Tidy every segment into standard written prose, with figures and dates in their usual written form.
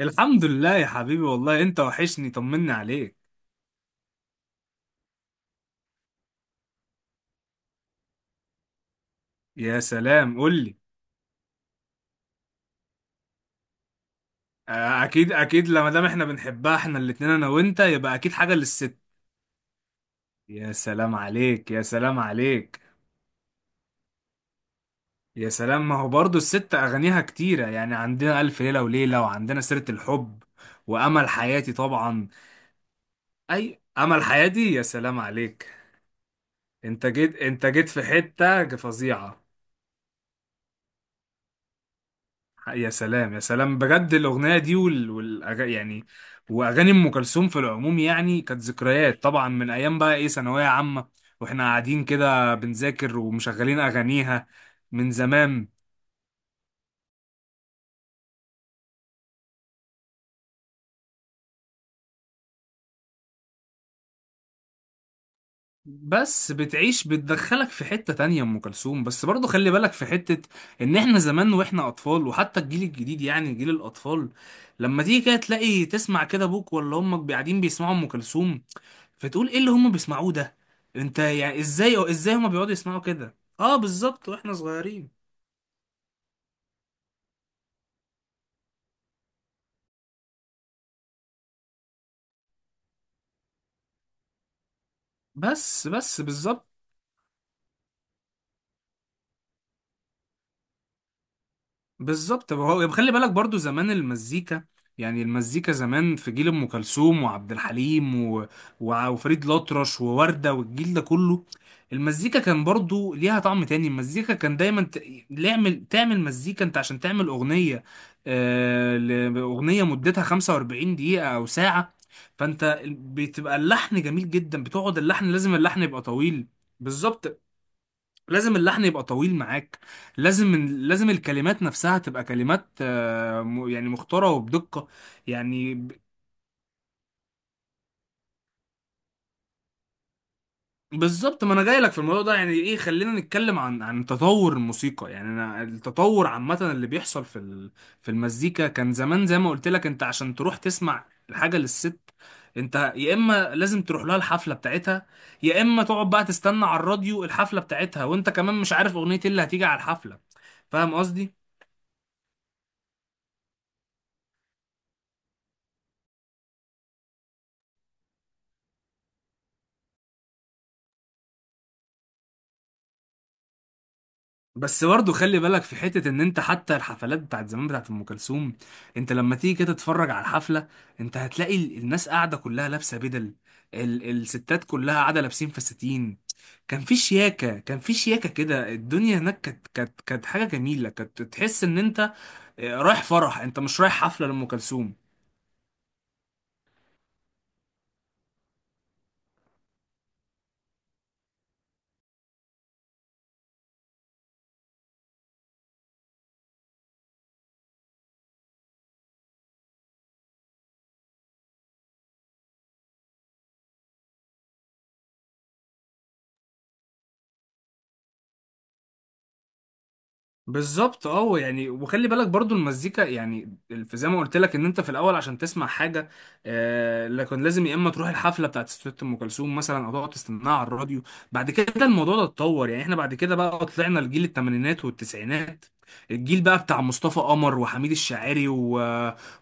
الحمد لله يا حبيبي، والله انت وحشني، طمني عليك. يا سلام، قول لي. اكيد اكيد لما دام احنا بنحبها احنا الاتنين انا وانت، يبقى اكيد حاجة للست. يا سلام عليك، يا سلام عليك. يا سلام، ما هو برضو الست اغانيها كتيرة، يعني عندنا الف ليلة وليلة، وعندنا سيرة الحب، وامل حياتي طبعا. اي، امل حياتي، يا سلام عليك. انت جيت في حتة فظيعة. يا سلام يا سلام، بجد الأغنية دي يعني، وأغاني أم كلثوم في العموم يعني، كانت ذكريات طبعا من أيام بقى إيه، ثانوية عامة، وإحنا قاعدين كده بنذاكر ومشغلين أغانيها من زمان. بس بتعيش، بتدخلك في حتة تانية أم كلثوم. بس برضو خلي بالك في حتة، إن إحنا زمان وإحنا أطفال، وحتى الجيل الجديد يعني جيل الأطفال، لما تيجي كده تلاقي تسمع كده أبوك ولا أمك قاعدين بيسمعوا أم كلثوم، فتقول ايه اللي هم بيسمعوه ده؟ انت يعني ازاي هم بيقعدوا يسمعوا كده؟ اه بالظبط، واحنا صغيرين. بس بس بالظبط. بالظبط، ما هو خلي بالك برضو زمان المزيكا، يعني المزيكا زمان في جيل ام كلثوم وعبد الحليم وفريد الأطرش ووردة والجيل ده كله، المزيكا كان برضو ليها طعم تاني. المزيكا كان دايما تعمل مزيكا انت عشان تعمل اغنية، اغنية مدتها 45 دقيقة او ساعة، فانت بتبقى اللحن جميل جدا، بتقعد اللحن، لازم اللحن يبقى طويل. بالظبط، لازم اللحن يبقى طويل معاك. لازم الكلمات نفسها تبقى كلمات يعني مختارة وبدقة. يعني ب- بالظبط، ما انا جاي لك في الموضوع ده. يعني ايه، خلينا نتكلم عن تطور الموسيقى، يعني انا التطور عامة اللي بيحصل في في المزيكا، كان زمان زي ما قلت لك انت عشان تروح تسمع الحاجة للست، انت يا اما لازم تروح لها الحفلة بتاعتها، يا اما تقعد بقى تستنى على الراديو الحفلة بتاعتها، وانت كمان مش عارف اغنية ايه اللي هتيجي على الحفلة. فاهم قصدي. بس برضه خلي بالك في حتة، ان انت حتى الحفلات بتاعت زمان بتاعت ام كلثوم، انت لما تيجي كده تتفرج على الحفلة، انت هتلاقي الناس قاعدة كلها لابسة بدل، الستات كلها قاعدة لابسين فساتين. كان في شياكة، كان في شياكة كده. الدنيا هناك كانت حاجة جميلة، كانت تحس ان انت رايح فرح، انت مش رايح حفلة لأم كلثوم. بالظبط اه، يعني وخلي بالك برضو المزيكا يعني، في زي ما قلت لك ان انت في الاول عشان تسمع حاجه، آه لكن لازم يا اما تروح الحفله بتاعت ست ام كلثوم مثلا او تقعد تستناها على الراديو. بعد كده الموضوع ده اتطور، يعني احنا بعد كده بقى طلعنا لجيل الثمانينات والتسعينات، الجيل بقى بتاع مصطفى قمر وحميد الشاعري و...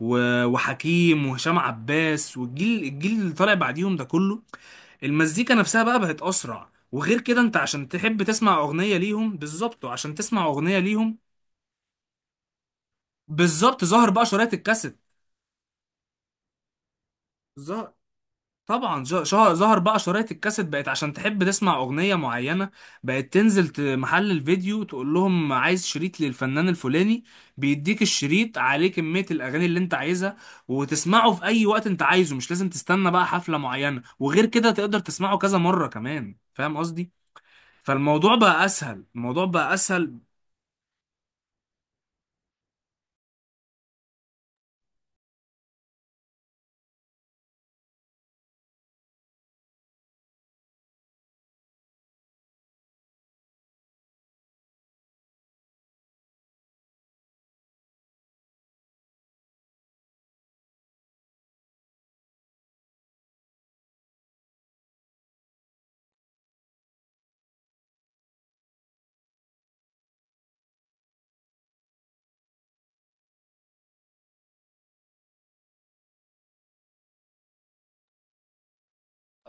و... وحكيم وهشام عباس، والجيل اللي طالع بعديهم ده كله، المزيكا نفسها بقى بقت اسرع. وغير كده انت عشان تحب تسمع اغنيه ليهم بالظبط، وعشان تسمع اغنيه ليهم بالظبط، ظهر بقى شرايط الكاسيت. ظهر طبعا ظهر بقى شرايط الكاسيت، بقت عشان تحب تسمع اغنيه معينه بقت تنزل محل الفيديو، تقول لهم عايز شريط للفنان الفلاني، بيديك الشريط عليه كميه الاغاني اللي انت عايزها، وتسمعه في اي وقت انت عايزه، مش لازم تستنى بقى حفله معينه، وغير كده تقدر تسمعه كذا مره كمان. فاهم قصدي. فالموضوع بقى اسهل، الموضوع بقى اسهل.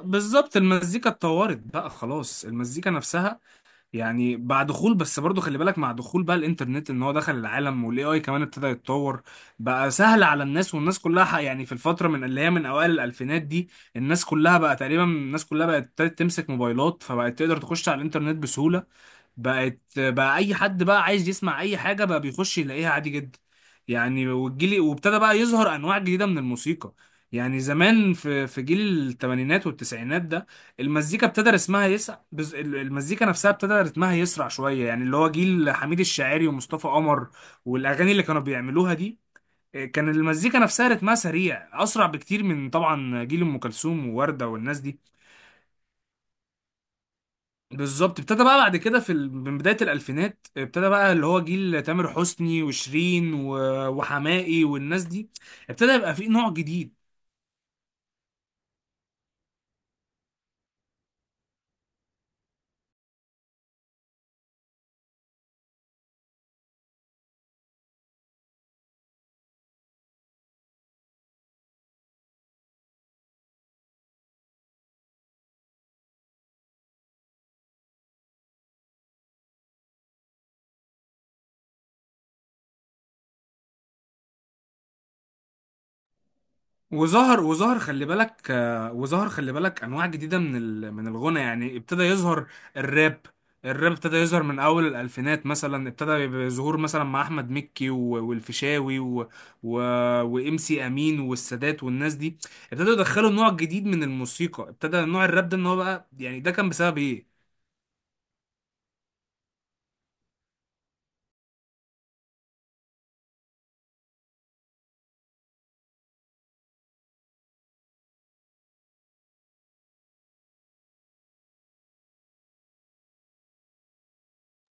بالظبط، المزيكا اتطورت بقى خلاص، المزيكا نفسها يعني، مع دخول، بس برضو خلي بالك، مع دخول بقى الانترنت، ان هو دخل العالم والاي اي كمان ابتدى يتطور، بقى سهل على الناس، والناس كلها حق، يعني في الفتره من اللي هي من اوائل الالفينات دي، الناس كلها بقى تقريبا، الناس كلها بقت ابتدت تمسك موبايلات، فبقت تقدر تخش على الانترنت بسهوله، بقت بقى اي حد بقى عايز يسمع اي حاجه بقى بيخش يلاقيها عادي جدا. يعني والجيل، وابتدى بقى يظهر انواع جديده من الموسيقى، يعني زمان في جيل الثمانينات والتسعينات ده، المزيكا ابتدى رسمها يسع المزيكا نفسها ابتدى رتمها يسرع شويه، يعني اللي هو جيل حميد الشاعري ومصطفى قمر، والاغاني اللي كانوا بيعملوها دي، كان المزيكا نفسها رتمها سريع، اسرع بكتير من طبعا جيل ام كلثوم ووردة والناس دي. بالظبط، ابتدى بقى بعد كده من بداية الألفينات، ابتدى بقى اللي هو جيل تامر حسني وشيرين وحماقي والناس دي، ابتدى يبقى فيه نوع جديد. وظهر خلي بالك، وظهر خلي بالك أنواع جديدة من من الغنى، يعني ابتدى يظهر الراب. الراب ابتدى يظهر من أول الألفينات مثلا، ابتدى يبقى ظهور مثلا مع أحمد مكي والفيشاوي و... وإم سي أمين والسادات والناس دي، ابتدوا يدخلوا نوع جديد من الموسيقى. ابتدى نوع الراب ده ان هو بقى، يعني ده كان بسبب ايه؟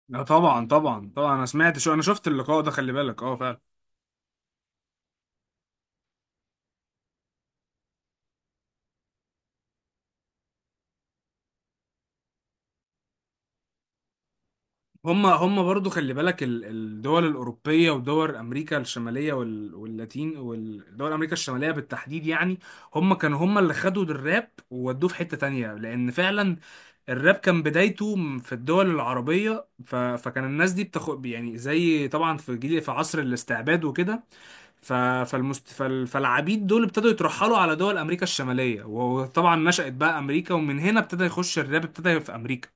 لا طبعا طبعا طبعا، انا سمعت، انا شفت اللقاء ده، خلي بالك اه فعلا. هم برضو خلي بالك، الدول الاوروبيه ودول امريكا الشماليه واللاتين، والدول امريكا الشماليه بالتحديد يعني، هم كانوا هم اللي خدوا الراب وودوه في حته تانية، لان فعلا الراب كان بدايته في الدول العربيه، فكان الناس دي بتاخد، يعني زي طبعا في جيل في عصر الاستعباد وكده، ف- فالعبيد دول ابتدوا يترحلوا على دول امريكا الشماليه، وطبعا نشأت بقى امريكا، ومن هنا ابتدى يخش الراب، ابتدى في امريكا.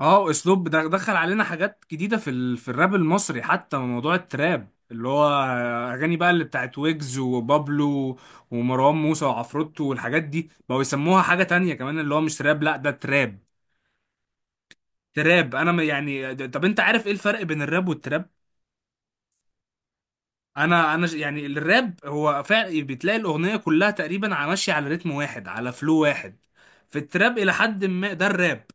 اه اسلوب ده دخل علينا حاجات جديده في في الراب المصري، حتى موضوع التراب، اللي هو اغاني بقى اللي بتاعت ويجز وبابلو ومروان موسى وعفروتو والحاجات دي، بقوا يسموها حاجه تانية كمان، اللي هو مش راب، لا ده تراب. تراب، انا ما- يعني، طب انت عارف ايه الفرق بين الراب والتراب؟ يعني الراب هو فعلا بتلاقي الاغنيه كلها تقريبا على ماشيه على رتم واحد، على فلو واحد، في التراب الى حد ما، ده الراب.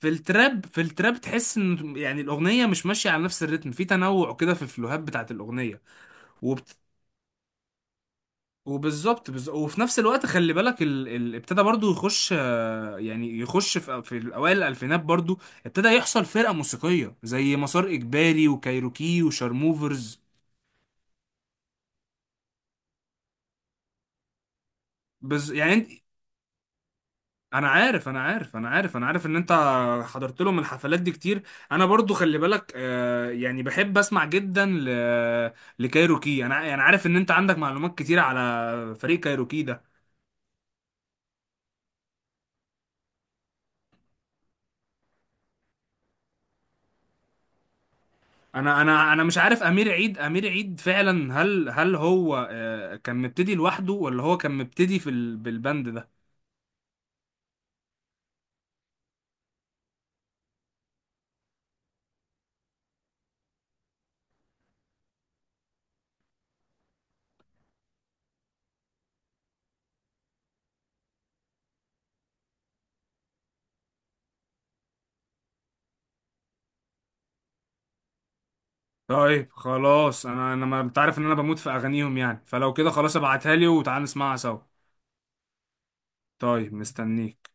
في التراب، في التراب تحس ان يعني الاغنيه مش ماشيه على نفس الريتم، في تنوع كده في الفلوهات بتاعت الاغنيه. وبت... وفي نفس الوقت خلي بالك، ابتدى برضو يخش، يعني يخش في اوائل الالفينات برضو، ابتدى يحصل فرقه موسيقيه زي مسار اجباري وكايروكي وشارموفرز. يعني انا عارف ان انت حضرت لهم الحفلات دي كتير. انا برضو خلي بالك يعني بحب اسمع جدا لكايروكي، انا يعني عارف ان انت عندك معلومات كتير على فريق كايروكي ده. انا مش عارف امير عيد، امير عيد فعلا، هل هو كان مبتدي لوحده، ولا هو كان مبتدي في بالبند ده؟ طيب خلاص، انا ما انت عارف ان انا بموت في اغانيهم، يعني فلو كده خلاص ابعتها لي وتعال نسمعها سوا. طيب مستنيك.